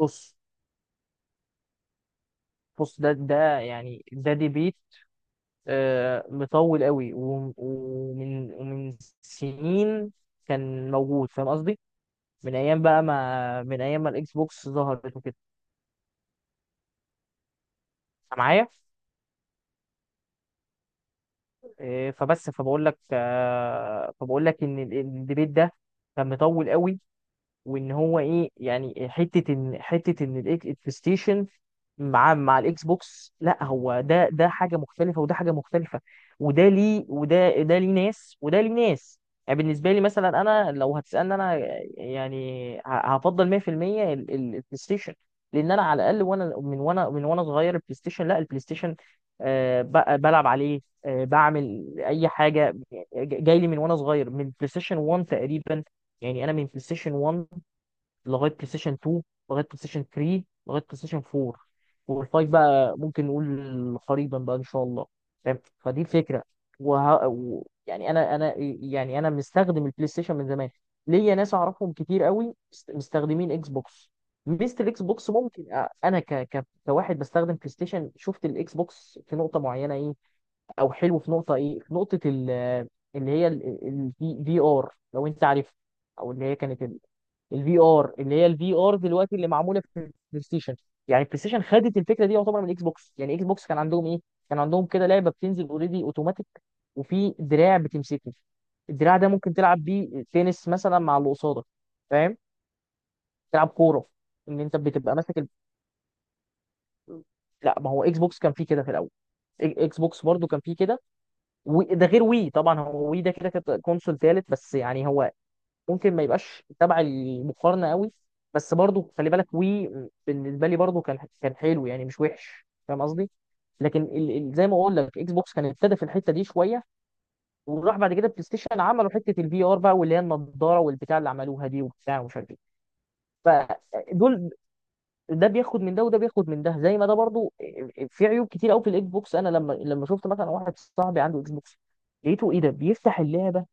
بص، بص ده يعني ده ديبيت، مطول قوي ومن سنين كان موجود. فاهم قصدي؟ من ايام بقى، ما من ايام ما الاكس بوكس ظهرت وكده. أنت معايا؟ آه، فبس فبقول لك آه، فبقول لك ان الديبيت ده كان مطول قوي، وان هو ايه يعني حته ان البلايستيشن مع الاكس بوكس. لا، هو ده حاجه مختلفه وده حاجه مختلفه، وده ليه وده ليه ناس. يعني بالنسبه لي مثلا، انا لو هتسالني انا يعني هفضل 100% البلاي ستيشن، لان انا على الاقل وانا صغير. البلاي ستيشن لا، البلاي ستيشن بلعب عليه، بعمل اي حاجه جاي لي من وانا صغير، من بلاي ستيشن 1 تقريبا. يعني انا من بلاي ستيشن 1 لغايه بلاي ستيشن 2 لغايه بلاي ستيشن 3 لغايه بلاي ستيشن 4، وال5 بقى ممكن نقول قريبا بقى ان شاء الله. فاهم؟ فدي الفكره. وه... و... يعني انا انا يعني انا مستخدم البلاي ستيشن من زمان. ليا ناس اعرفهم كتير قوي مستخدمين اكس بوكس. ميزه الاكس بوكس ممكن انا كواحد بستخدم بلاي ستيشن، شفت الاكس بوكس في نقطه معينه ايه، او حلو. في نقطه ايه، في نقطه اللي هي الفي ار، لو انت عارف، او اللي هي كانت الفي ار. اللي هي الفي ار دلوقتي، اللي معموله في البلاي ستيشن، يعني البلاي ستيشن خدت الفكره دي يعتبر من الاكس بوكس. يعني اكس بوكس كان عندهم ايه؟ كان عندهم كده لعبه بتنزل اوريدي اوتوماتيك، وفي دراع بتمسكه. الدراع ده ممكن تلعب بيه تنس مثلا مع اللي قصادك، فاهم؟ تلعب كوره، ان انت بتبقى ماسك لا، ما هو اكس بوكس كان فيه كده في الاول. اكس بوكس برضو كان فيه كده، وده غير وي طبعا. هو وي ده كده كانت كونسول ثالث، بس يعني هو ممكن ما يبقاش تبع المقارنه قوي، بس برضو خلي بالك وي بالنسبه لي برضو كان، كان حلو يعني، مش وحش، فاهم قصدي؟ لكن زي ما اقول لك، اكس بوكس كان ابتدى في الحته دي شويه، وراح بعد كده بلاي ستيشن عملوا حته الفي ار بقى، واللي هي النضاره والبتاع اللي عملوها دي، وبتاع، ومش عارف ايه. فدول، ده بياخد من ده وده بياخد من ده زي ما ده برضو. في عيوب كتير قوي في الاكس بوكس. انا لما شفت مثلا واحد صاحبي عنده اكس بوكس، لقيته ايه؟ ده بيفتح اللعبه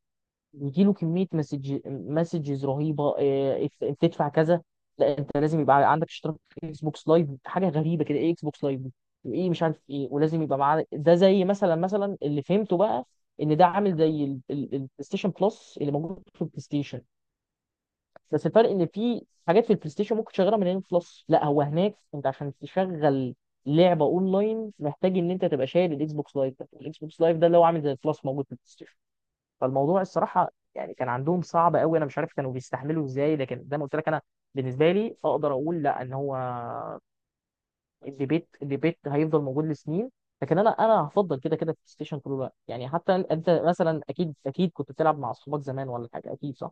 بيجيله كمية مسجز رهيبة، إنت تدفع كذا، لا انت لازم يبقى عندك اشتراك في اكس بوكس لايف. حاجة غريبة كده، ايه اكس بوكس لايف دي؟ وايه مش عارف ايه، ولازم يبقى معاه ده. زي مثلا اللي فهمته بقى، ان ده عامل زي البلاي ستيشن بلس اللي موجود في البلاي ستيشن، بس الفرق ان في حاجات في البلاي ستيشن ممكن تشغلها من هنا في بلس. لا، هو هناك انت عشان تشغل لعبة اونلاين محتاج ان انت تبقى شايل الاكس بوكس لايف ده. الاكس بوكس لايف ده اللي هو عامل زي البلس موجود في البلاي ستيشن. فالموضوع الصراحه يعني كان عندهم صعب قوي، انا مش عارف كانوا بيستحملوا ازاي. لكن زي ما قلت لك انا، بالنسبه لي اقدر اقول، لا ان هو الديبيت هيفضل موجود لسنين، لكن انا هفضل كده كده بلاي ستيشن طول الوقت. يعني حتى انت، أنت مثلا اكيد كنت بتلعب مع اصحابك زمان ولا حاجه، اكيد صح؟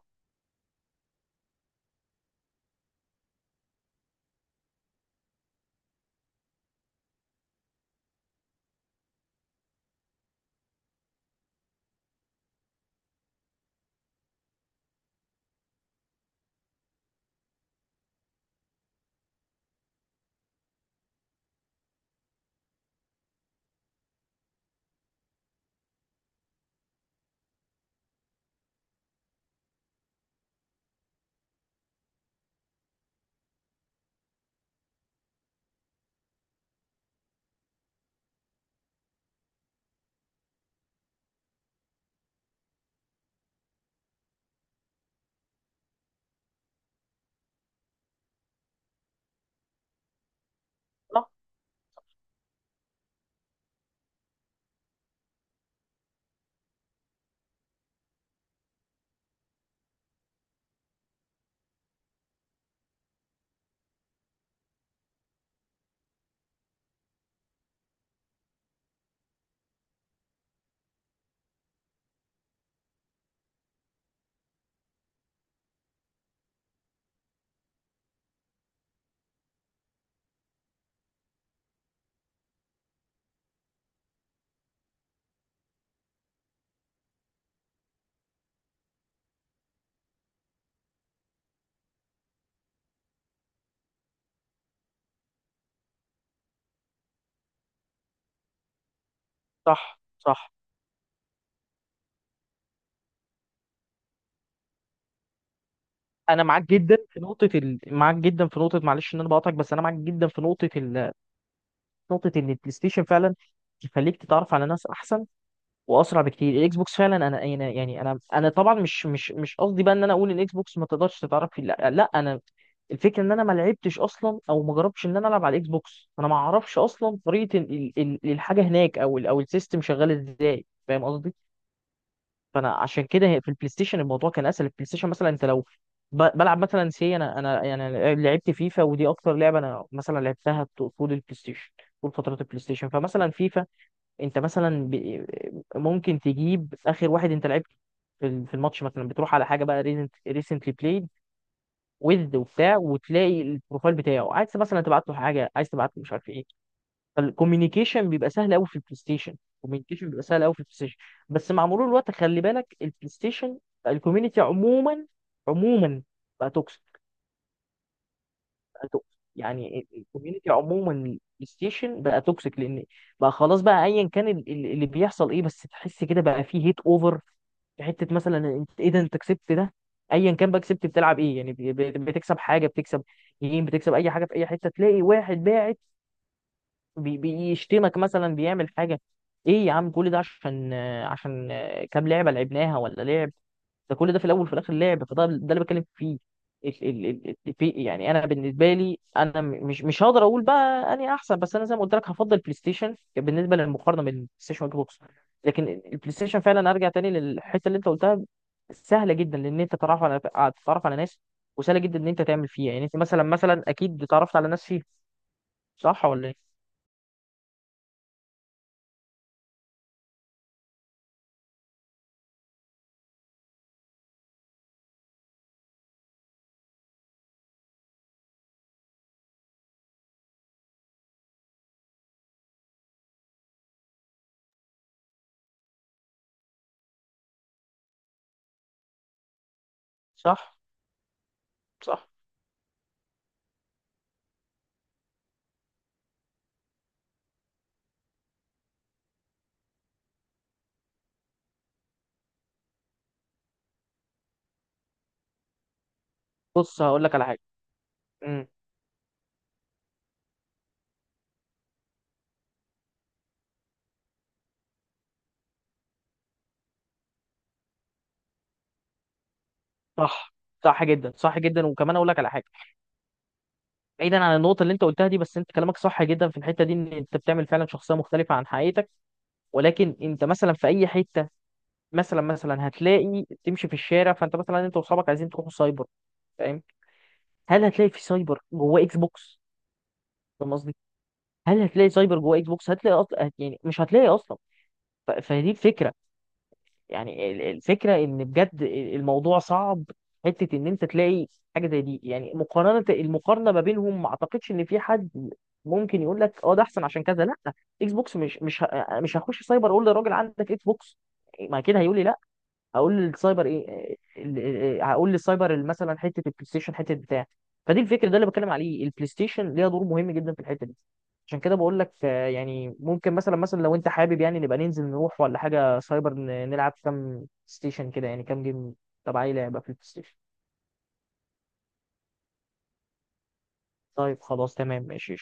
صح، صح، صح. انا معاك جدا في نقطه معاك جدا في نقطه، معلش ان انا بقاطعك، بس انا معاك جدا في نقطه نقطه ان البلاي ستيشن فعلا يخليك تتعرف على ناس احسن واسرع بكتير. الاكس بوكس فعلا انا طبعا مش قصدي بقى ان انا اقول ان الاكس بوكس ما تقدرش تتعرف فيه، لا لا. انا الفكره ان انا ما لعبتش اصلا، او ما جربتش ان انا العب على الاكس بوكس. انا ما اعرفش اصلا طريقه الحاجه هناك، او او السيستم شغال ازاي، فاهم قصدي؟ فانا عشان كده في البلاي ستيشن الموضوع كان اسهل. البلاي ستيشن مثلا انت لو بلعب مثلا سي، انا يعني لعبت فيفا، ودي اكتر لعبه انا مثلا لعبتها طول البلاي ستيشن، طول فترات البلاي ستيشن. فمثلا فيفا انت مثلا ممكن تجيب اخر واحد انت لعبته في في الماتش مثلا، بتروح على حاجه بقى ريسنت، ريسنتلي بلايد ويز وبتاع، وتلاقي البروفايل بتاعه، عايز مثلا تبعت له حاجه، عايز تبعت له مش عارف ايه. فالكوميونيكيشن بيبقى سهل قوي في البلاي ستيشن، الكوميونيكيشن بيبقى سهل قوي في البلاي ستيشن. بس مع مرور الوقت خلي بالك البلاي ستيشن، الكوميونتي عموما، عموما بقى توكسيك، توكسيك. يعني الكوميونتي عموما بلاي ستيشن بقى توكسيك، لان بقى خلاص بقى ايا كان اللي بيحصل ايه، بس تحس كده بقى فيه هيت اوفر. في حته مثلا انت ايه ده، انت كسبت ده، ايا كان بقى كسبت بتلعب ايه، يعني بتكسب حاجه، بتكسب جيم، بتكسب اي حاجه. في اي حته تلاقي واحد باعت بيشتمك مثلا، بيعمل حاجه، ايه يا عم كل ده عشان، عشان كام لعبه لعبناها، ولا لعب. ده كل ده في الاول وفي الاخر لعب، فده ده اللي بتكلم فيه. في يعني انا بالنسبه لي انا مش هقدر اقول بقى اني احسن، بس انا زي ما قلت لك هفضل بلاي ستيشن بالنسبه للمقارنه بين بلاي ستيشن واكس بوكس. لكن البلاي ستيشن فعلا، ارجع تاني للحته اللي انت قلتها، سهله جدا لان انت تتعرف على تتعرف على ناس. وسهله جدا ان انت تعمل فيها، يعني انت مثلا، اكيد اتعرفت على ناس فيها، صح ولا ايه؟ صح، صح. بص هقول لك على حاجه. امم صح، صح جدا، صح جدا. وكمان اقول لك على حاجه، بعيدا عن النقطه اللي انت قلتها دي، بس انت كلامك صح جدا في الحته دي، ان انت بتعمل فعلا شخصيه مختلفه عن حقيقتك. ولكن انت مثلا في اي حته، مثلا هتلاقي تمشي في الشارع، فانت مثلا انت واصحابك عايزين تروحوا سايبر، فاهم؟ هل هتلاقي في سايبر جواه اكس بوكس؟ فاهم قصدي؟ هل هتلاقي سايبر جواه اكس بوكس؟ هتلاقي أصلا؟ يعني مش هتلاقي اصلا. فدي الفكره، يعني الفكره ان بجد الموضوع صعب. حته ان انت تلاقي حاجه زي دي، يعني المقارنه ما بينهم ما اعتقدش ان في حد ممكن يقول لك اه ده احسن عشان كذا، لا. اكس بوكس مش هخش سايبر اقول للراجل عندك اكس بوكس، ما كده هيقول لي لا. هقول للسايبر ايه هقول للسايبر مثلا حته البلاي ستيشن، حته بتاع. فدي الفكره، ده اللي بتكلم عليه، البلاي ستيشن ليها دور مهم جدا في الحته دي. عشان كده بقول لك، يعني ممكن، مثلا، لو انت حابب يعني نبقى ننزل نروح ولا حاجه سايبر، نلعب كام ستيشن كده، يعني كام جيم تبع اي لعبه في البلاي ستيشن. طيب خلاص، تمام ماشي.